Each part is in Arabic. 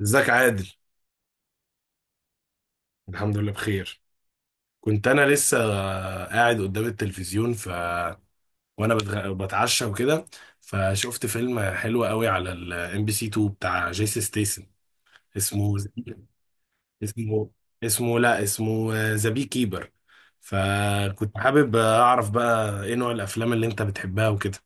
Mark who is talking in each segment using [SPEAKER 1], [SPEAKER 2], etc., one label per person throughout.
[SPEAKER 1] ازيك عادل؟ الحمد لله بخير. كنت انا لسه قاعد قدام التلفزيون، ف وانا بتعشى وكده، فشفت فيلم حلو قوي على الام بي سي 2 بتاع جيسي ستيسن. اسمه اسمه اسمه لا اسمه ذا بي كيبر. فكنت حابب اعرف بقى ايه نوع الافلام اللي انت بتحبها وكده.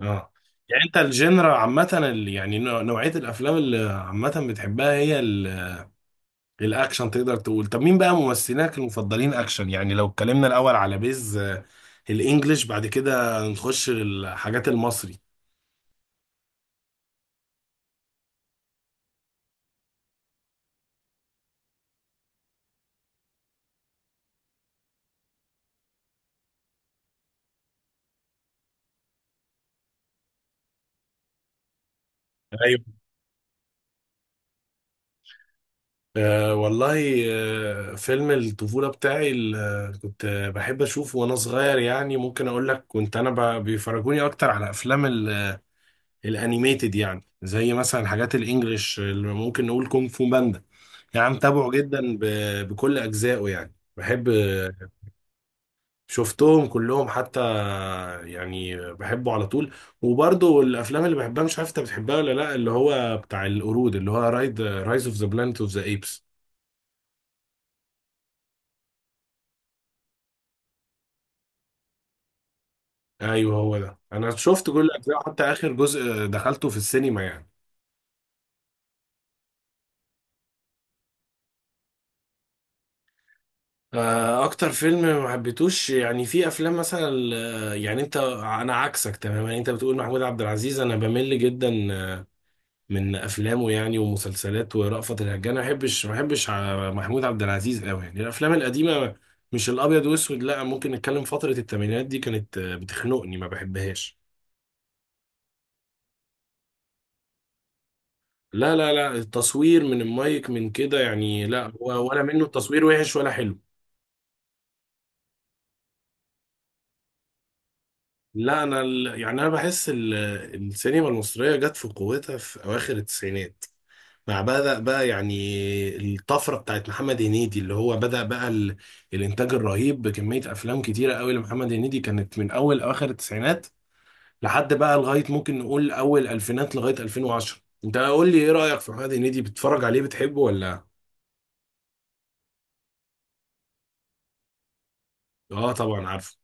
[SPEAKER 1] اه، يعني انت الجنرا عامة نوعية الافلام اللي عامة بتحبها هي الاكشن، تقدر تقول. طب مين بقى ممثلينك المفضلين اكشن؟ يعني لو اتكلمنا الاول على بيز، الانجليش، بعد كده نخش للحاجات المصري. ايوه. أه والله. أه، فيلم الطفولة بتاعي اللي كنت بحب أشوفه وأنا صغير، يعني ممكن أقول لك كنت أنا بيفرجوني أكتر على أفلام الأنيميتد، يعني زي مثلا حاجات الإنجليش اللي ممكن نقول كونغ فو باندا. يعني متابعه جدا بكل أجزائه، يعني بحب. شفتهم كلهم حتى، يعني بحبه على طول. وبرضه الافلام اللي بحبها، مش عارف انت بتحبها ولا لا، اللي هو بتاع القرود، اللي هو رايز اوف ذا بلانت اوف ذا ايبس. ايوه، هو ده، انا شفت كل الاجزاء حتى اخر جزء دخلته في السينما يعني. اكتر فيلم ما حبيتوش يعني، في افلام مثلا، يعني انا عكسك تماما. انت بتقول محمود عبد العزيز، انا بمل جدا من افلامه يعني، ومسلسلات ورأفت الهجان. ما بحبش ما بحبش محمود عبد العزيز قوي، يعني الافلام القديمه، مش الابيض واسود لا، ممكن نتكلم فتره الثمانينات دي، كانت بتخنقني ما بحبهاش. لا لا لا، التصوير من المايك من كده يعني، لا هو ولا منه، التصوير وحش ولا حلو. لا انا السينما المصريه جت في قوتها في اواخر التسعينات، مع بدأ بقى يعني الطفرة بتاعت محمد هنيدي، اللي هو بدأ بقى الإنتاج الرهيب بكمية أفلام كتيرة قوي لمحمد هنيدي، كانت من أول أواخر التسعينات لحد بقى لغاية ممكن نقول أول ألفينات لغاية 2010. أنت قول لي إيه رأيك في محمد هنيدي، بتتفرج عليه بتحبه ولا؟ آه طبعا عارفه.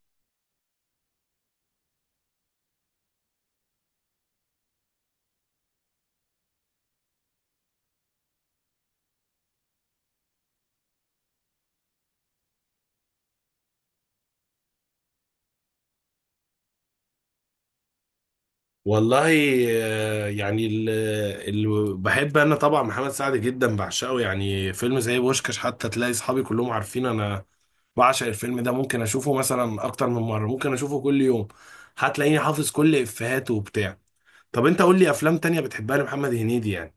[SPEAKER 1] والله، آه، يعني اللي بحب أنا طبعا محمد سعد جدا، بعشقه يعني. فيلم زي بوشكاش، حتى تلاقي أصحابي كلهم عارفين أنا بعشق الفيلم ده. ممكن اشوفه مثلا اكتر من مره، ممكن اشوفه كل يوم، هتلاقيني حافظ كل افيهاته وبتاع. طب انت قول لي افلام تانية بتحبها لمحمد هنيدي يعني.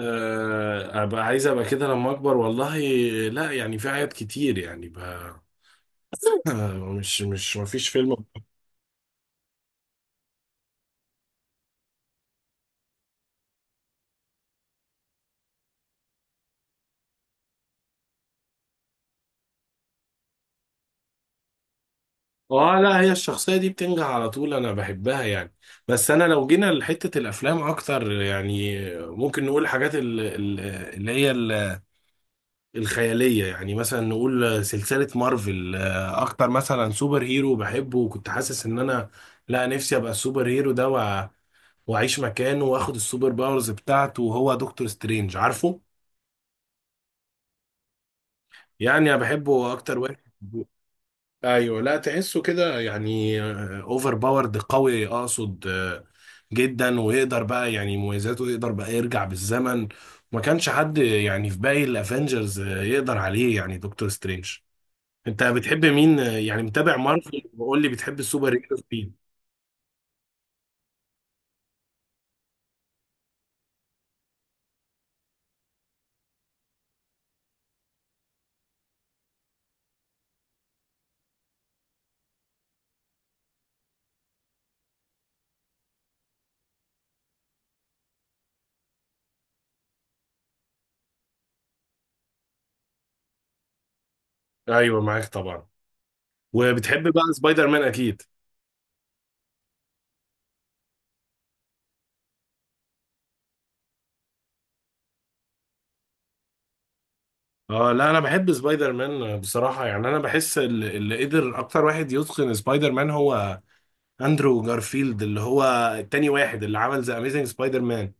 [SPEAKER 1] أه، ابقى عايز ابقى كده لما اكبر. والله لا، يعني في حاجات كتير يعني ب... آه، مش مش مفيش فيلم. اه لا، هي الشخصية دي بتنجح على طول انا بحبها يعني. بس انا لو جينا لحتة الافلام اكتر يعني، ممكن نقول الحاجات اللي هي الخيالية، يعني مثلا نقول سلسلة مارفل. أكتر مثلا سوبر هيرو بحبه وكنت حاسس إن أنا لا نفسي أبقى السوبر هيرو ده وأعيش مكانه وآخد السوبر باورز بتاعته، وهو دكتور سترينج، عارفه؟ يعني أنا بحبه أكتر واحد. أيوه لا، تحسه كده يعني أوفر باورد قوي أقصد، جدا. ويقدر بقى يعني مميزاته، يقدر بقى يرجع بالزمن. ما كانش حد يعني في باقي الافنجرز، يقدر عليه يعني دكتور سترينج. انت بتحب مين؟ يعني متابع مارفل، وقول لي بتحب السوبر هيروز مين. ايوه معاك طبعا. وبتحب بقى سبايدر مان اكيد. اه لا، انا بحب سبايدر مان بصراحه، يعني انا بحس اللي قدر اكتر واحد يتقن سبايدر مان هو اندرو جارفيلد، اللي هو التاني واحد اللي عمل ذا اميزنج سبايدر مان.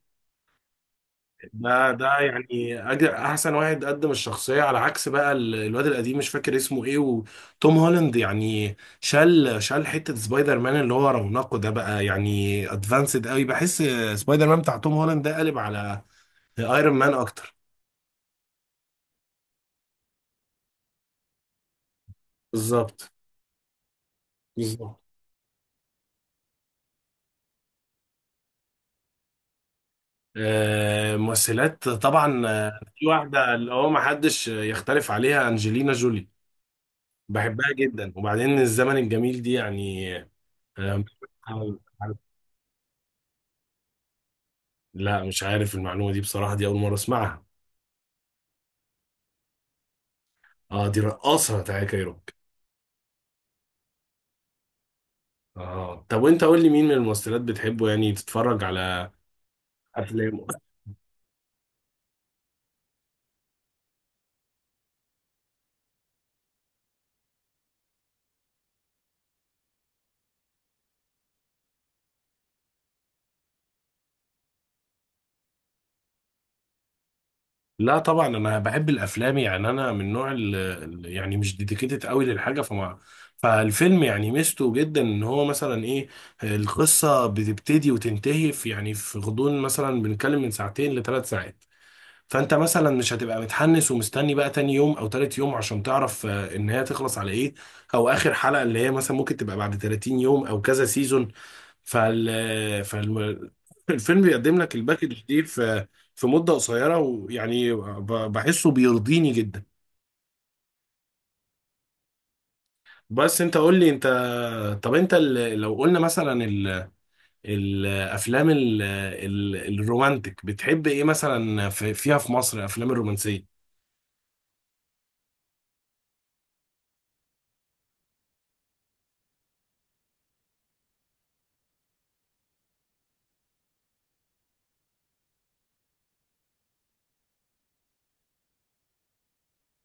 [SPEAKER 1] احسن واحد قدم الشخصيه، على عكس بقى الواد القديم مش فاكر اسمه ايه، وتوم هولاند يعني شال حته سبايدر مان اللي هو رونقه ده بقى، يعني ادفانسد قوي، بحس سبايدر مان بتاع توم هولاند ده قالب على ايرون مان اكتر. بالظبط. بالظبط. ممثلات طبعا، في واحده اللي هو ما حدش يختلف عليها، انجلينا جولي. بحبها جدا، وبعدين الزمن الجميل دي يعني. آه. لا مش عارف المعلومة دي بصراحة، دي أول مرة أسمعها. اه، دي رقاصة تاكا كايروكي. اه، طب وانت قول لي مين من الممثلات بتحبه يعني تتفرج على افلامه. لا طبعا انا بحب الافلام، يعني انا من نوع يعني مش ديديكيتد قوي للحاجه، فالفيلم يعني ميزته جدا ان هو مثلا ايه، القصه بتبتدي وتنتهي في يعني، في غضون مثلا بنتكلم من ساعتين لثلاث ساعات. فانت مثلا مش هتبقى متحمس ومستني بقى تاني يوم او تالت يوم عشان تعرف، ان هي تخلص على ايه، او اخر حلقة اللي هي مثلا ممكن تبقى بعد 30 يوم او كذا سيزون. فال فال الفيلم بيقدم لك الباكج دي في في مدة قصيرة، ويعني بحسه بيرضيني جدا. بس انت قول لي انت، طب انت لو قلنا مثلا الافلام الرومانتك، بتحب ايه مثلا في فيها في مصر افلام الرومانسية؟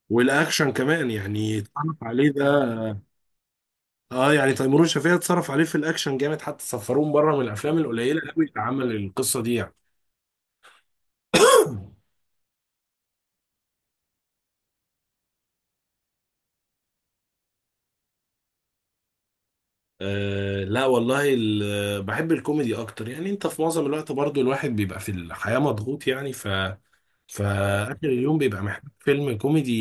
[SPEAKER 1] والاكشن كمان يعني، اتصرف عليه ده. اه يعني تيمور وشفيقة اتصرف عليه في الاكشن جامد، حتى سفروه بره، من الافلام القليله قوي اللي عمل القصه دي يعني. آه لا والله، بحب الكوميدي اكتر يعني. انت في معظم الوقت برضو الواحد بيبقى في الحياه مضغوط، يعني ف فاخر اليوم بيبقى محتاج فيلم كوميدي.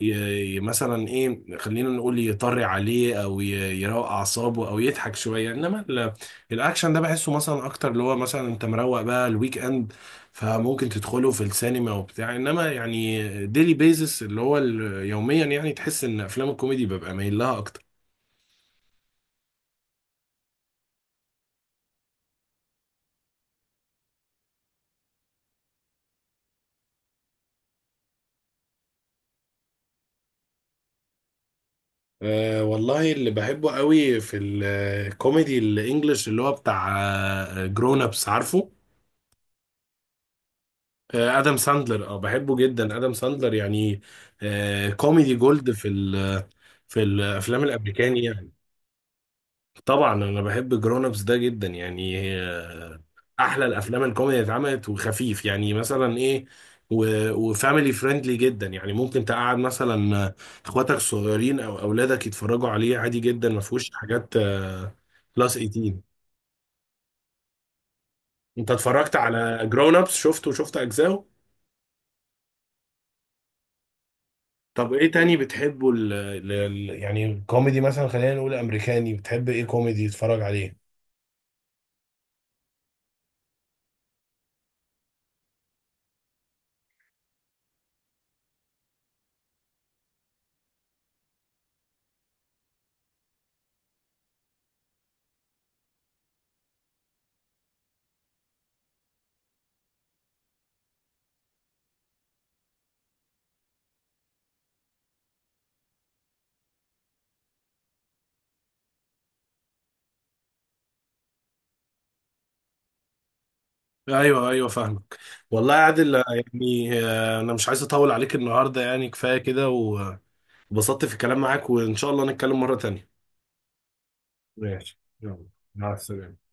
[SPEAKER 1] مثلا ايه، خلينا نقول يطري عليه، او يروق اعصابه، او يضحك شويه. انما الاكشن ده بحسه مثلا اكتر اللي هو، مثلا انت مروق بقى الويك اند فممكن تدخله في السينما وبتاع، انما يعني ديلي بيزس اللي هو يوميا، يعني تحس ان افلام الكوميدي ببقى مايل لها اكتر. أه والله، اللي بحبه قوي في الكوميدي الانجليش اللي هو بتاع جرون ابس، عارفه؟ ادم ساندلر، اه بحبه جدا ادم ساندلر يعني، كوميدي جولد في ال في الافلام الامريكاني يعني. طبعا انا بحب جرون ابس ده جدا يعني، احلى الافلام الكوميدي اللي اتعملت وخفيف، يعني مثلا ايه، وفاميلي فريندلي جدا، يعني ممكن تقعد مثلا اخواتك الصغيرين او اولادك يتفرجوا عليه عادي جدا، ما فيهوش حاجات بلس 18. انت اتفرجت على جرون ابس، شفته وشفت اجزاءه؟ طب ايه تاني بتحبه ال ال يعني الكوميدي مثلا، خلينا نقول امريكاني، بتحب ايه كوميدي تتفرج عليه؟ ايوه ايوه فاهمك. والله يا عادل، انا مش عايز اطول عليك النهارده، يعني كفايه كده، وبسطت في الكلام معاك، وان شاء الله نتكلم مره تانية. ماشي، يلا، مع السلامة.